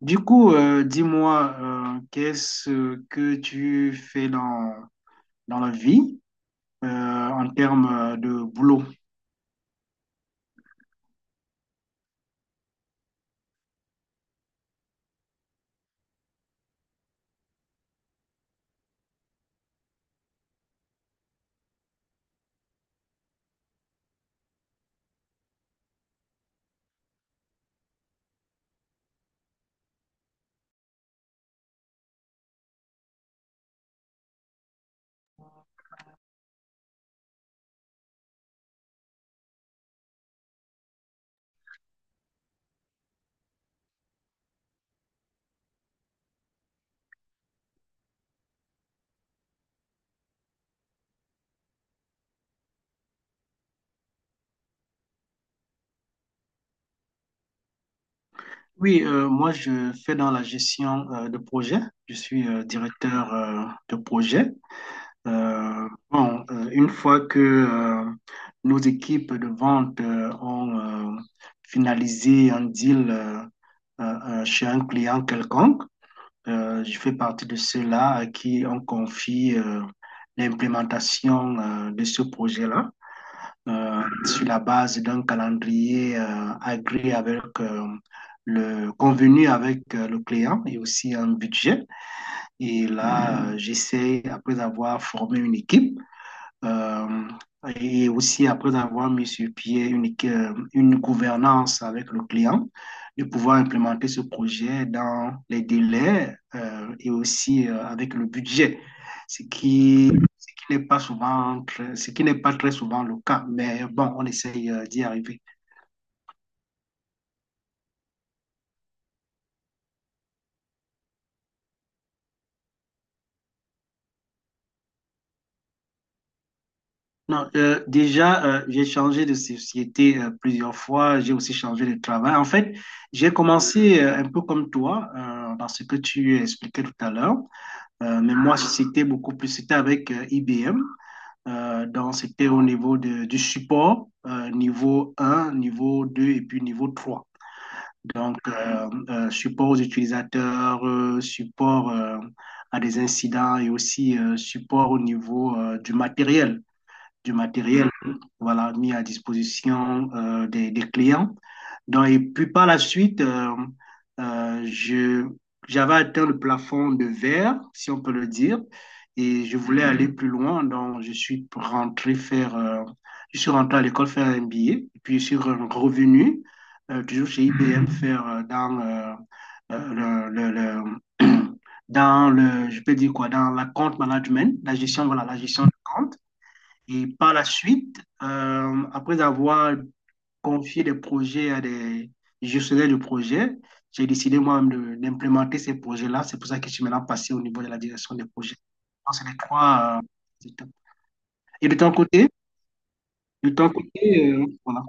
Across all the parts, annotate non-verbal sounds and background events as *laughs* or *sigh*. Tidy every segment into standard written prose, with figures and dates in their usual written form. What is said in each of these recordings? Du coup, dis-moi, qu'est-ce que tu fais dans la vie euh, en termes de boulot? Oui, moi, je fais dans la gestion de projet. Je suis directeur de projet. Bon, une fois que nos équipes de vente ont finalisé un deal chez un client quelconque, je fais partie de ceux-là à qui on confie l'implémentation de ce projet-là sur la base d'un calendrier agréé avec le convenu avec le client et aussi un budget. Et là, j'essaie, après avoir formé une équipe, euh, et aussi, après avoir mis sur pied une gouvernance avec le client, de pouvoir implémenter ce projet dans les délais et aussi avec le budget, ce qui, ce qui n'est pas ce qui n'est pas très souvent le cas. Mais bon, on essaye d'y arriver. Non, déjà, j'ai changé de société plusieurs fois. J'ai aussi changé de travail. En fait, j'ai commencé un peu comme toi, dans ce que tu expliquais tout à l'heure. Mais moi, c'était avec IBM. Donc, c'était du support, niveau un, niveau 2 et puis niveau trois. Donc, support aux utilisateurs, support à des incidents et aussi support au niveau du matériel, voilà, mis à disposition clients. Donc, et puis par la suite, euh, je, j'avais atteint le plafond de verre, si on peut le dire, et je voulais aller plus loin. Donc, je suis rentré à l'école faire un billet, et puis je suis revenu, toujours chez IBM, faire euh, le, le, le *clears throat* dans le, je peux dire quoi, dans la compte management, la gestion, voilà, la gestion de compte. Et par la suite, après avoir confié des projets à des gestionnaires de projets, j'ai décidé moi-même d'implémenter ces projets-là. C'est pour ça que je suis maintenant passé au niveau de la direction des projets. Donc, c'est les trois. Étapes. Et de ton côté, voilà.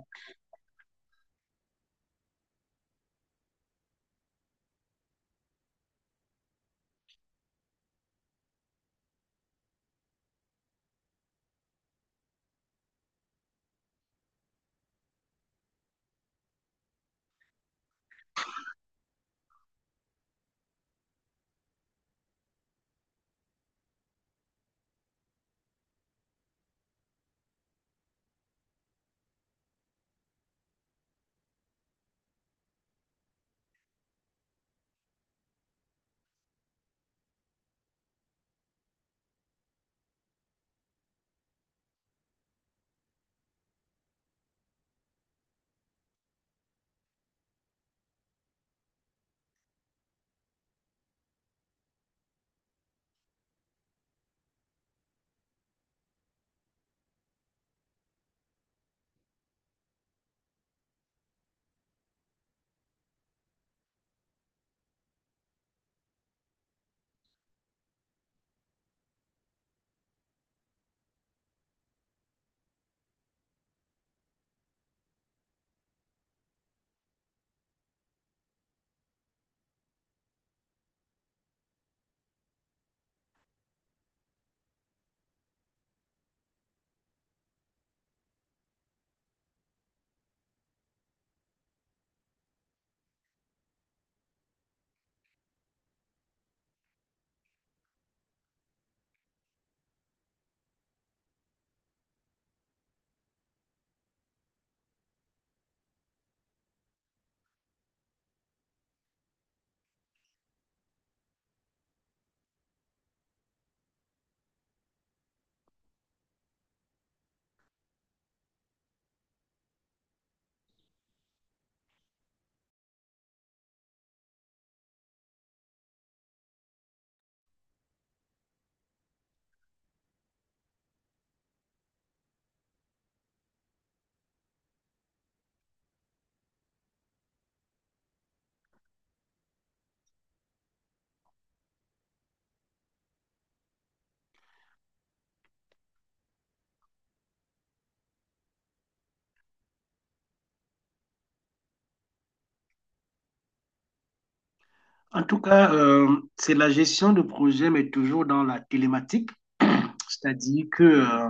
En tout cas, c'est la gestion de projet, mais toujours dans la télématique. *clears throat* C'est-à-dire que,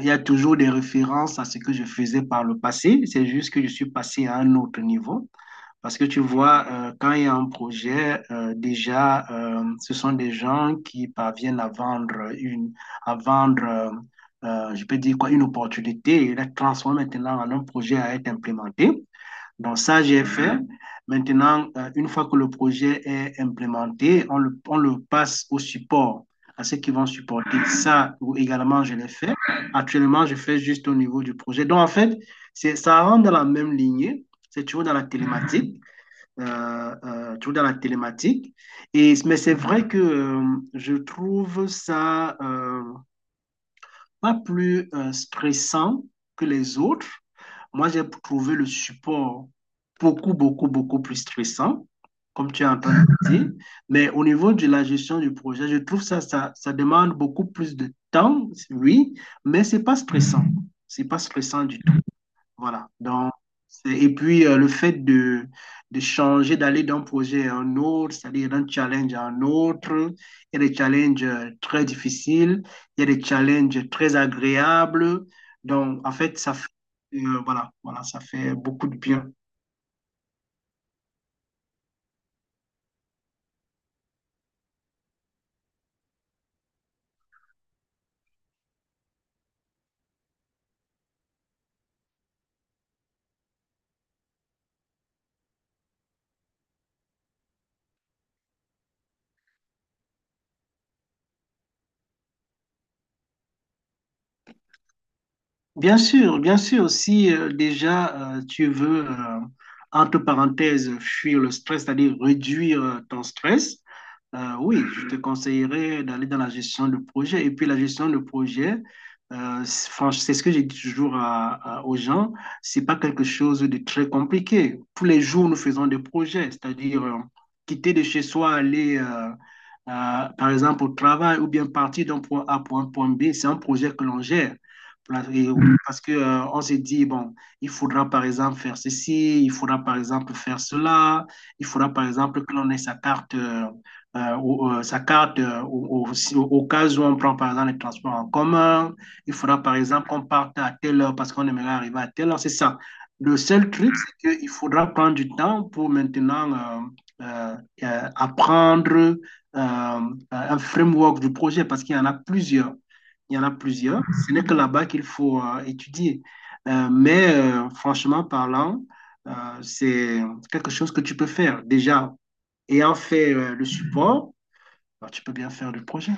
il y a toujours des références à ce que je faisais par le passé. C'est juste que je suis passé à un autre niveau. Parce que tu vois, quand il y a un projet, déjà, ce sont des gens qui parviennent à à vendre, je peux dire quoi, une opportunité et la transforment maintenant en un projet à être implémenté. Donc ça, j'ai fait. Maintenant, une fois que le projet est implémenté, on le passe au support, à ceux qui vont supporter ça. Ou également, je l'ai fait. Actuellement, je fais juste au niveau du projet. Donc en fait, ça rentre dans la même lignée, c'est toujours dans la télématique toujours dans la télématique. Et, mais c'est vrai que je trouve ça pas plus stressant que les autres. Moi, j'ai trouvé le support beaucoup, beaucoup, beaucoup plus stressant, comme tu es en train de *laughs* dire. Mais au niveau de la gestion du projet, je trouve ça demande beaucoup plus de temps, oui, mais c'est pas stressant. C'est pas stressant du Voilà. Donc, et puis, le fait de changer, d'aller d'un projet à un autre, c'est-à-dire d'un challenge à un autre, il y a des challenges très difficiles, il y a des challenges très agréables. Donc, en fait, voilà, voilà, ça fait beaucoup de bien. Bien sûr, si déjà tu veux, entre parenthèses, fuir le stress, c'est-à-dire réduire ton stress, oui, je te conseillerais d'aller dans la gestion de projet. Et puis la gestion de projet, c'est enfin, c'est ce que je dis toujours aux gens, c'est pas quelque chose de très compliqué. Tous les jours, nous faisons des projets, c'est-à-dire quitter de chez soi, aller par exemple au travail, ou bien partir d'un point A pour un point B, c'est un projet que l'on gère. Pour la- et- Parce que on se dit, bon, il faudra par exemple faire ceci, il faudra par exemple faire cela, il faudra par exemple que l'on ait sa carte. Sa carte au cas où on prend par exemple les transports en commun. Il faudra par exemple qu'on parte à telle heure parce qu'on aimerait arriver à telle heure. C'est ça. Le seul truc, c'est qu'il faudra prendre du temps pour maintenant euh, euh, apprendre un framework du projet, parce qu'il y en a plusieurs. Il y en a plusieurs. Ce n'est que là-bas qu'il faut étudier. Franchement parlant, euh, c'est quelque chose que tu peux faire déjà ayant fait le support. Alors, tu peux bien faire le projet.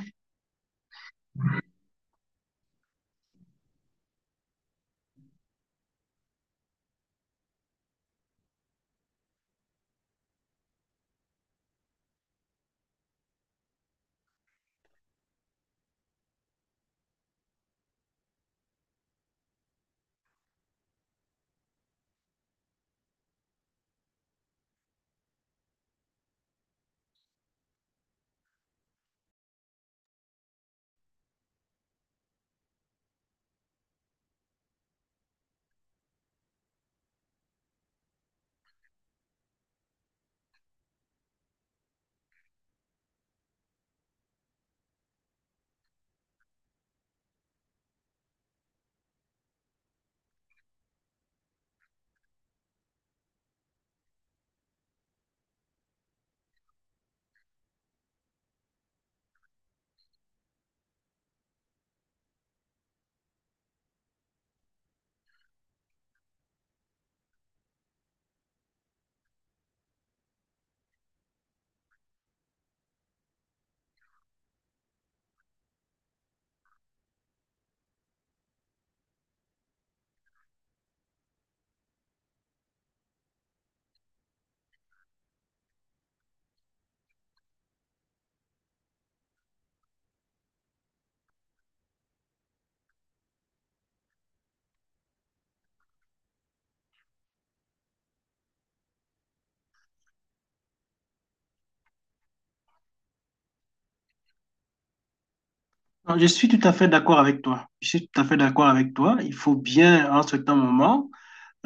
Alors, je suis tout à fait d'accord avec toi. Je suis tout à fait d'accord avec toi. Il faut bien, en certain moment,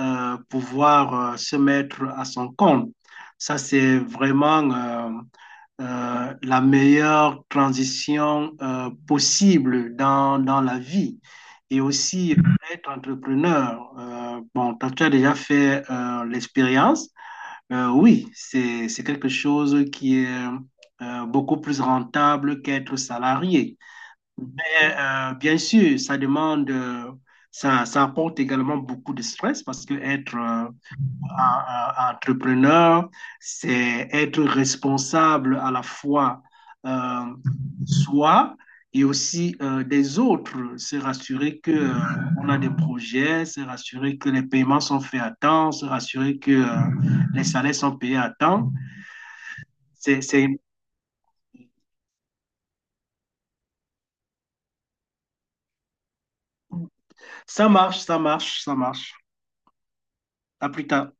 pouvoir se mettre à son compte. Ça, c'est vraiment la meilleure transition possible dans la vie. Et aussi, être entrepreneur. Bon, toi, tu as déjà fait l'expérience. Oui, c'est quelque chose qui est beaucoup plus rentable qu'être salarié. Mais bien sûr, ça apporte également beaucoup de stress parce que entrepreneur, c'est être responsable à la fois euh, soi et aussi des autres. C'est rassurer que on a des projets, c'est rassurer que les paiements sont faits à temps, c'est rassurer que les salaires sont payés à temps. C'est... Ça marche, ça marche, ça marche. À plus tard.